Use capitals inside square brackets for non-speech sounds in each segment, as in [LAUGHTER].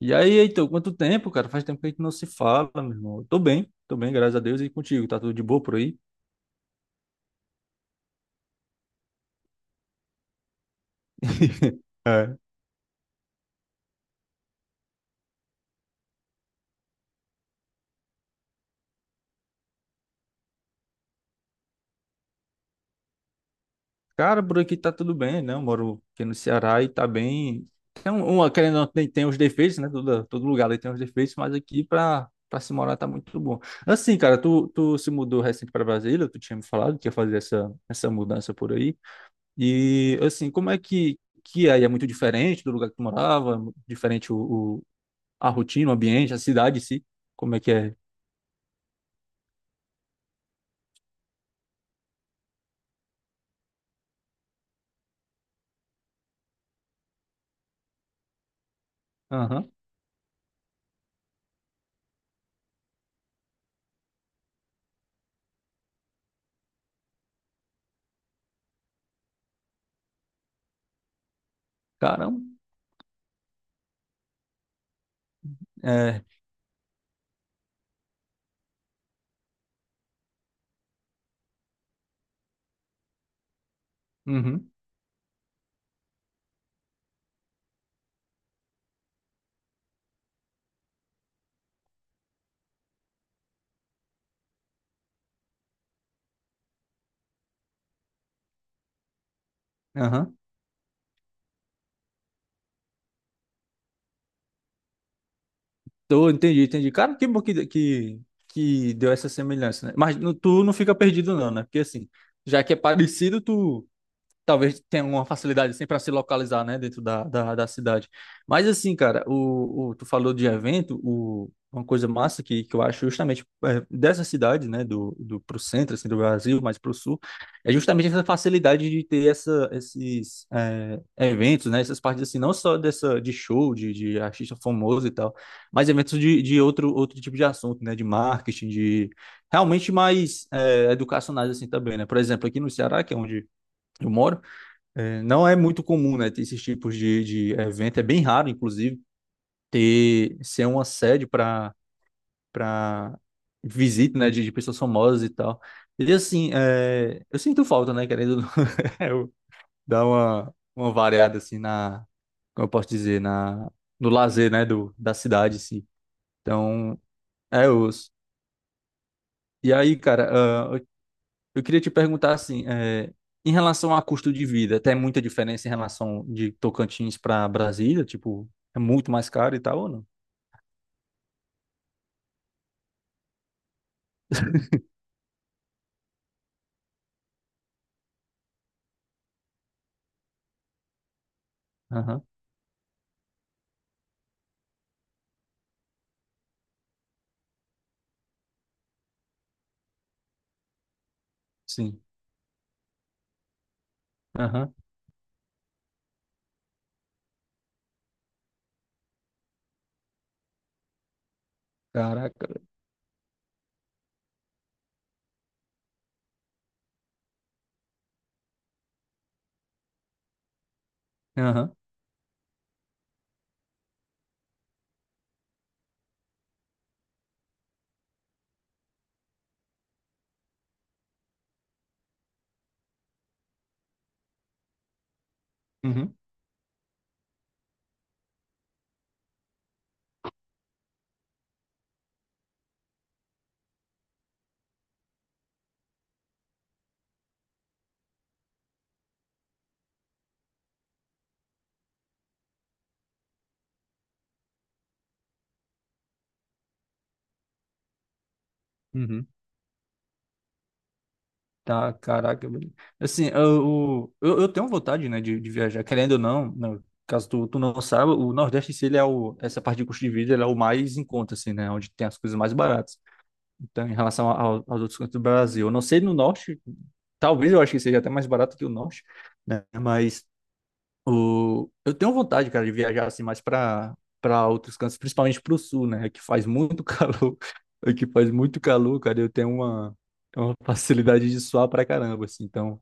E aí, Heitor, quanto tempo, cara? Faz tempo que a gente não se fala, meu irmão. Eu tô bem, tô bem, graças a Deus. E contigo, tá tudo de boa por aí? [LAUGHS] É. Cara, por aqui tá tudo bem, né? Eu moro aqui no Ceará e tá bem. Uma, querendo ou não, tem os defeitos, né? Todo lugar ali tem os defeitos, mas aqui pra se morar tá muito bom. Assim, cara, tu se mudou recente pra Brasília, tu tinha me falado que ia fazer essa mudança por aí. E, assim, como é que é? É muito diferente do lugar que tu morava? Diferente, o a rotina, o ambiente, a cidade em si, como é que é. Aham. Caramba. É. Uhum. Aham. Tô, entendi. Cara, que bom que deu essa semelhança, né? Mas tu não fica perdido não, né? Porque assim, já que é parecido, tu talvez tenha uma facilidade assim para se localizar, né, dentro da cidade. Mas assim, cara, o tu falou de evento, o, uma coisa massa que eu acho justamente, é dessa cidade, né, do pro centro assim do Brasil, mais pro sul, é justamente essa facilidade de ter essa, esses, é, eventos, né, essas partes assim, não só dessa de show de artista famoso e tal, mas eventos de outro tipo de assunto, né, de marketing, de realmente mais, é, educacionais assim também, né? Por exemplo, aqui no Ceará, que é onde eu moro, é, não é muito comum, né, ter esses tipos de evento. É bem raro, inclusive, ter ser uma sede para para visita, né, de pessoas famosas e tal. E assim, é, eu sinto falta, né, querendo ou não, [LAUGHS] eu dar uma variada assim na, como eu posso dizer, na no lazer, né, do da cidade, assim. Então, é os. E aí, cara, eu queria te perguntar assim, é, em relação a custo de vida, tem muita diferença em relação de Tocantins para Brasília? Tipo, é muito mais caro e tal ou não? Aham. Sim. Aham, caraca, velho. Aham. Uhum. Uhum. Tá, caraca, velho. Assim, eu tenho vontade, né, de viajar, querendo ou não, não, caso tu não saiba, o Nordeste, se ele é o, essa parte de custo de vida, ele é o mais em conta, assim, né, onde tem as coisas mais baratas. Então, em relação aos outros cantos do Brasil. Eu não sei no norte, talvez eu acho que seja até mais barato que o norte, né? Mas o... eu tenho vontade, cara, de viajar assim mais para outros cantos, principalmente para o sul, né? Que faz muito [LAUGHS] calor, que faz muito calor, cara. Eu tenho uma facilidade de suar pra caramba, assim. Então,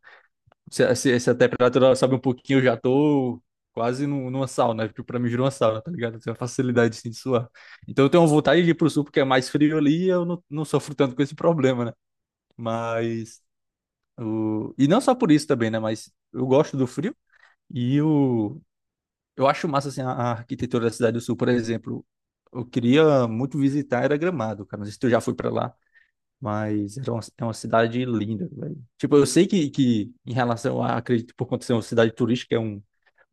se a temperatura sobe um pouquinho, eu já tô quase numa sauna, porque pra mim virou uma sauna, tá ligado? Eu tenho uma facilidade assim, de suar. Então eu tenho vontade de ir pro sul, porque é mais frio ali e eu não sofro tanto com esse problema, né? Mas. O... E não só por isso também, né? Mas eu gosto do frio e o... eu acho massa assim, a arquitetura da cidade do sul, por exemplo. Eu queria muito visitar, era Gramado, cara. Não sei se tu já foi pra lá. É uma cidade linda, velho. Tipo, eu sei que em relação a, acredito, por conta de ser uma cidade turística, é um,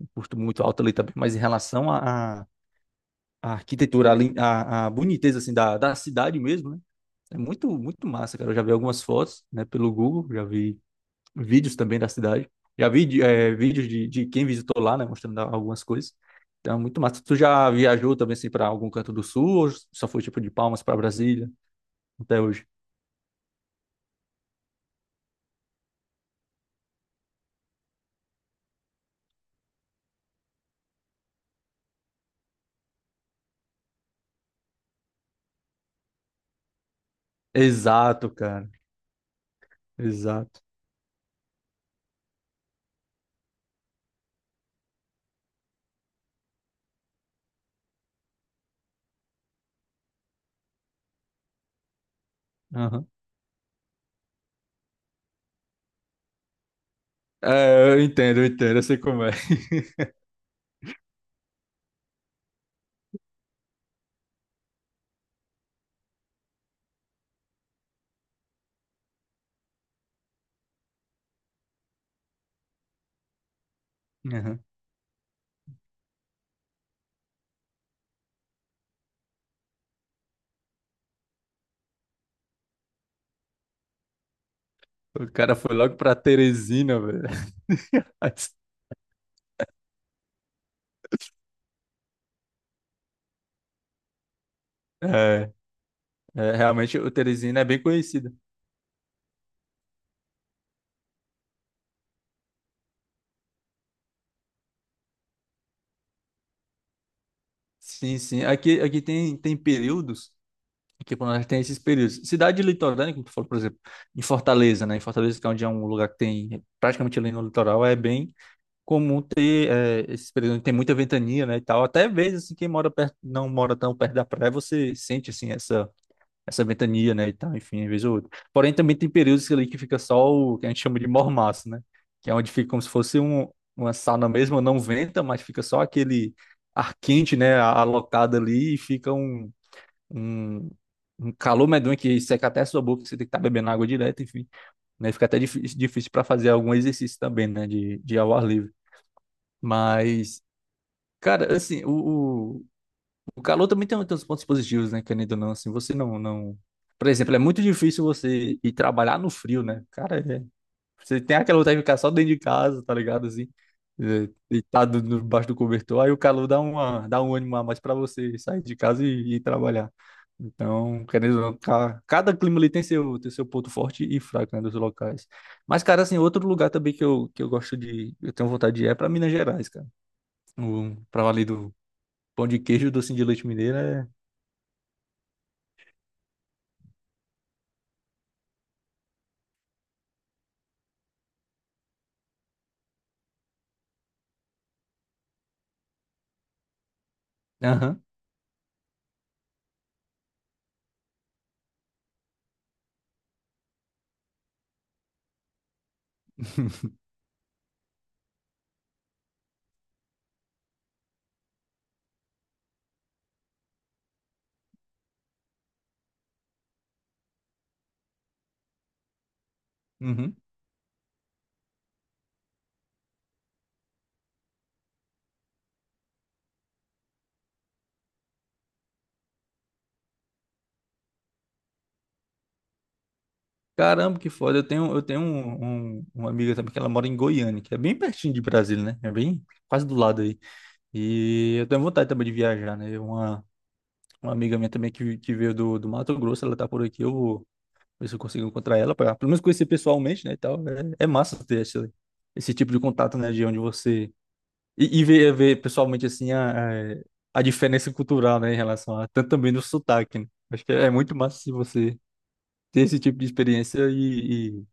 um custo muito alto ali também, mas em relação à arquitetura, à boniteza, assim, da cidade mesmo, né? É muito, muito massa, cara. Eu já vi algumas fotos, né, pelo Google, já vi vídeos também da cidade. Já vi de- eh, Vídeos de quem visitou lá, né, mostrando algumas coisas. Então, é muito massa. Tu já viajou também, assim, para algum canto do sul ou só foi, tipo, de Palmas para Brasília até hoje? Exato, cara. Exato. Aham. É, eu entendo, eu sei como é. [LAUGHS] Aham. O cara foi logo pra Teresina, velho. [LAUGHS] É, Realmente o Teresina é bem conhecido. Sim, sim. Aqui, aqui tem, tem períodos, aqui pelo menos tem esses períodos. Cidade litorânea, como tu falou, por exemplo, em Fortaleza, né? Em Fortaleza, que é onde é um lugar que tem praticamente ali no litoral, é bem comum ter, é, esses períodos onde tem muita ventania, né, e tal. Até vezes, assim, quem mora perto, não mora tão perto da praia, você sente, assim, essa ventania, né, e tal, enfim, às vez ou outra. Porém, também tem períodos ali que fica só o que a gente chama de mormaço, né, que é onde fica como se fosse um, uma sauna mesmo, não venta, mas fica só aquele ar quente, né, alocado ali e fica um, um calor medonho que seca até a sua boca, você tem que estar bebendo água direto, enfim, né, fica até difícil, difícil para fazer algum exercício também, né, de ao ar livre. Mas, cara, assim, o- o calor também tem, tem uns pontos positivos, né? Querendo ou não, assim, você não... Por exemplo, é muito difícil você ir trabalhar no frio, né? Cara, você tem aquela vontade de ficar só dentro de casa, tá ligado? Assim, é, deitado debaixo do cobertor, aí o calor dá uma, dá um ânimo a mais pra você sair de casa e trabalhar. Então, querendo ou não, cada clima ali tem seu ponto forte e fraco, né, dos locais. Mas, cara, assim, outro lugar também que eu gosto de, eu tenho vontade de ir é pra Minas Gerais, cara. O, pra ali do pão de queijo, doce de leite mineiro é Aham. [LAUGHS] Uhum. Caramba, que foda. Eu tenho uma amiga também que ela mora em Goiânia, que é bem pertinho de Brasília, né? É bem quase do lado aí. E eu tenho vontade também de viajar, né? Uma amiga minha também que veio do Mato Grosso, ela tá por aqui, eu vou ver se eu consigo encontrar ela, pra, pelo menos conhecer pessoalmente, né? E tal. É, é massa ter esse tipo de contato, né? De onde você. E ver, ver pessoalmente, assim, a a diferença cultural, né? Em relação a. Tanto também no sotaque, né? Acho que é muito massa se você ter esse tipo de experiência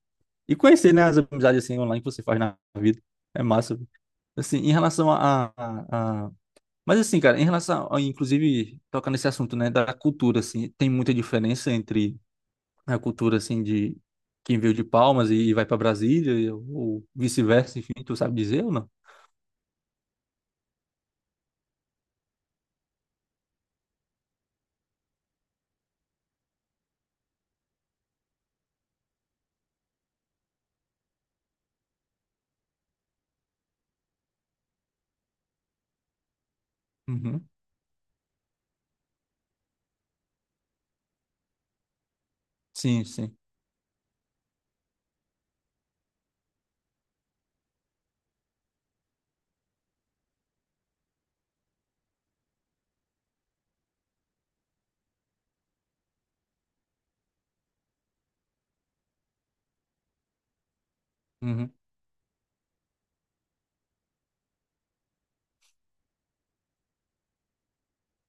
e conhecer, né, as amizades assim online que você faz na vida. É massa, velho. Assim, em relação a... Mas assim, cara, em relação, a, inclusive, tocando nesse assunto, né, da cultura, assim, tem muita diferença entre a cultura, assim, de quem veio de Palmas e vai para Brasília, ou vice-versa, enfim, tu sabe dizer ou não? Uhum. Sim, sim. Uhum.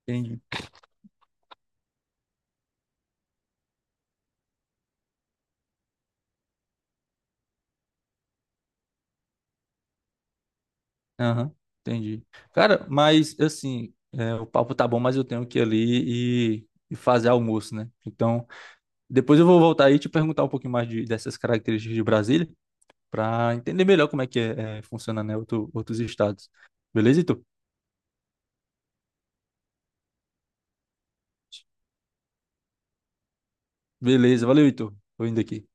Entendi. Aham, entendi. Cara, mas, assim, é, o papo tá bom, mas eu tenho que ir ali e fazer almoço, né? Então, depois eu vou voltar aí e te perguntar um pouquinho mais de, dessas características de Brasília, para entender melhor como é que é, é, funciona, né, outros estados. Beleza, Heitor? Beleza, valeu, Heitor. Tô indo aqui.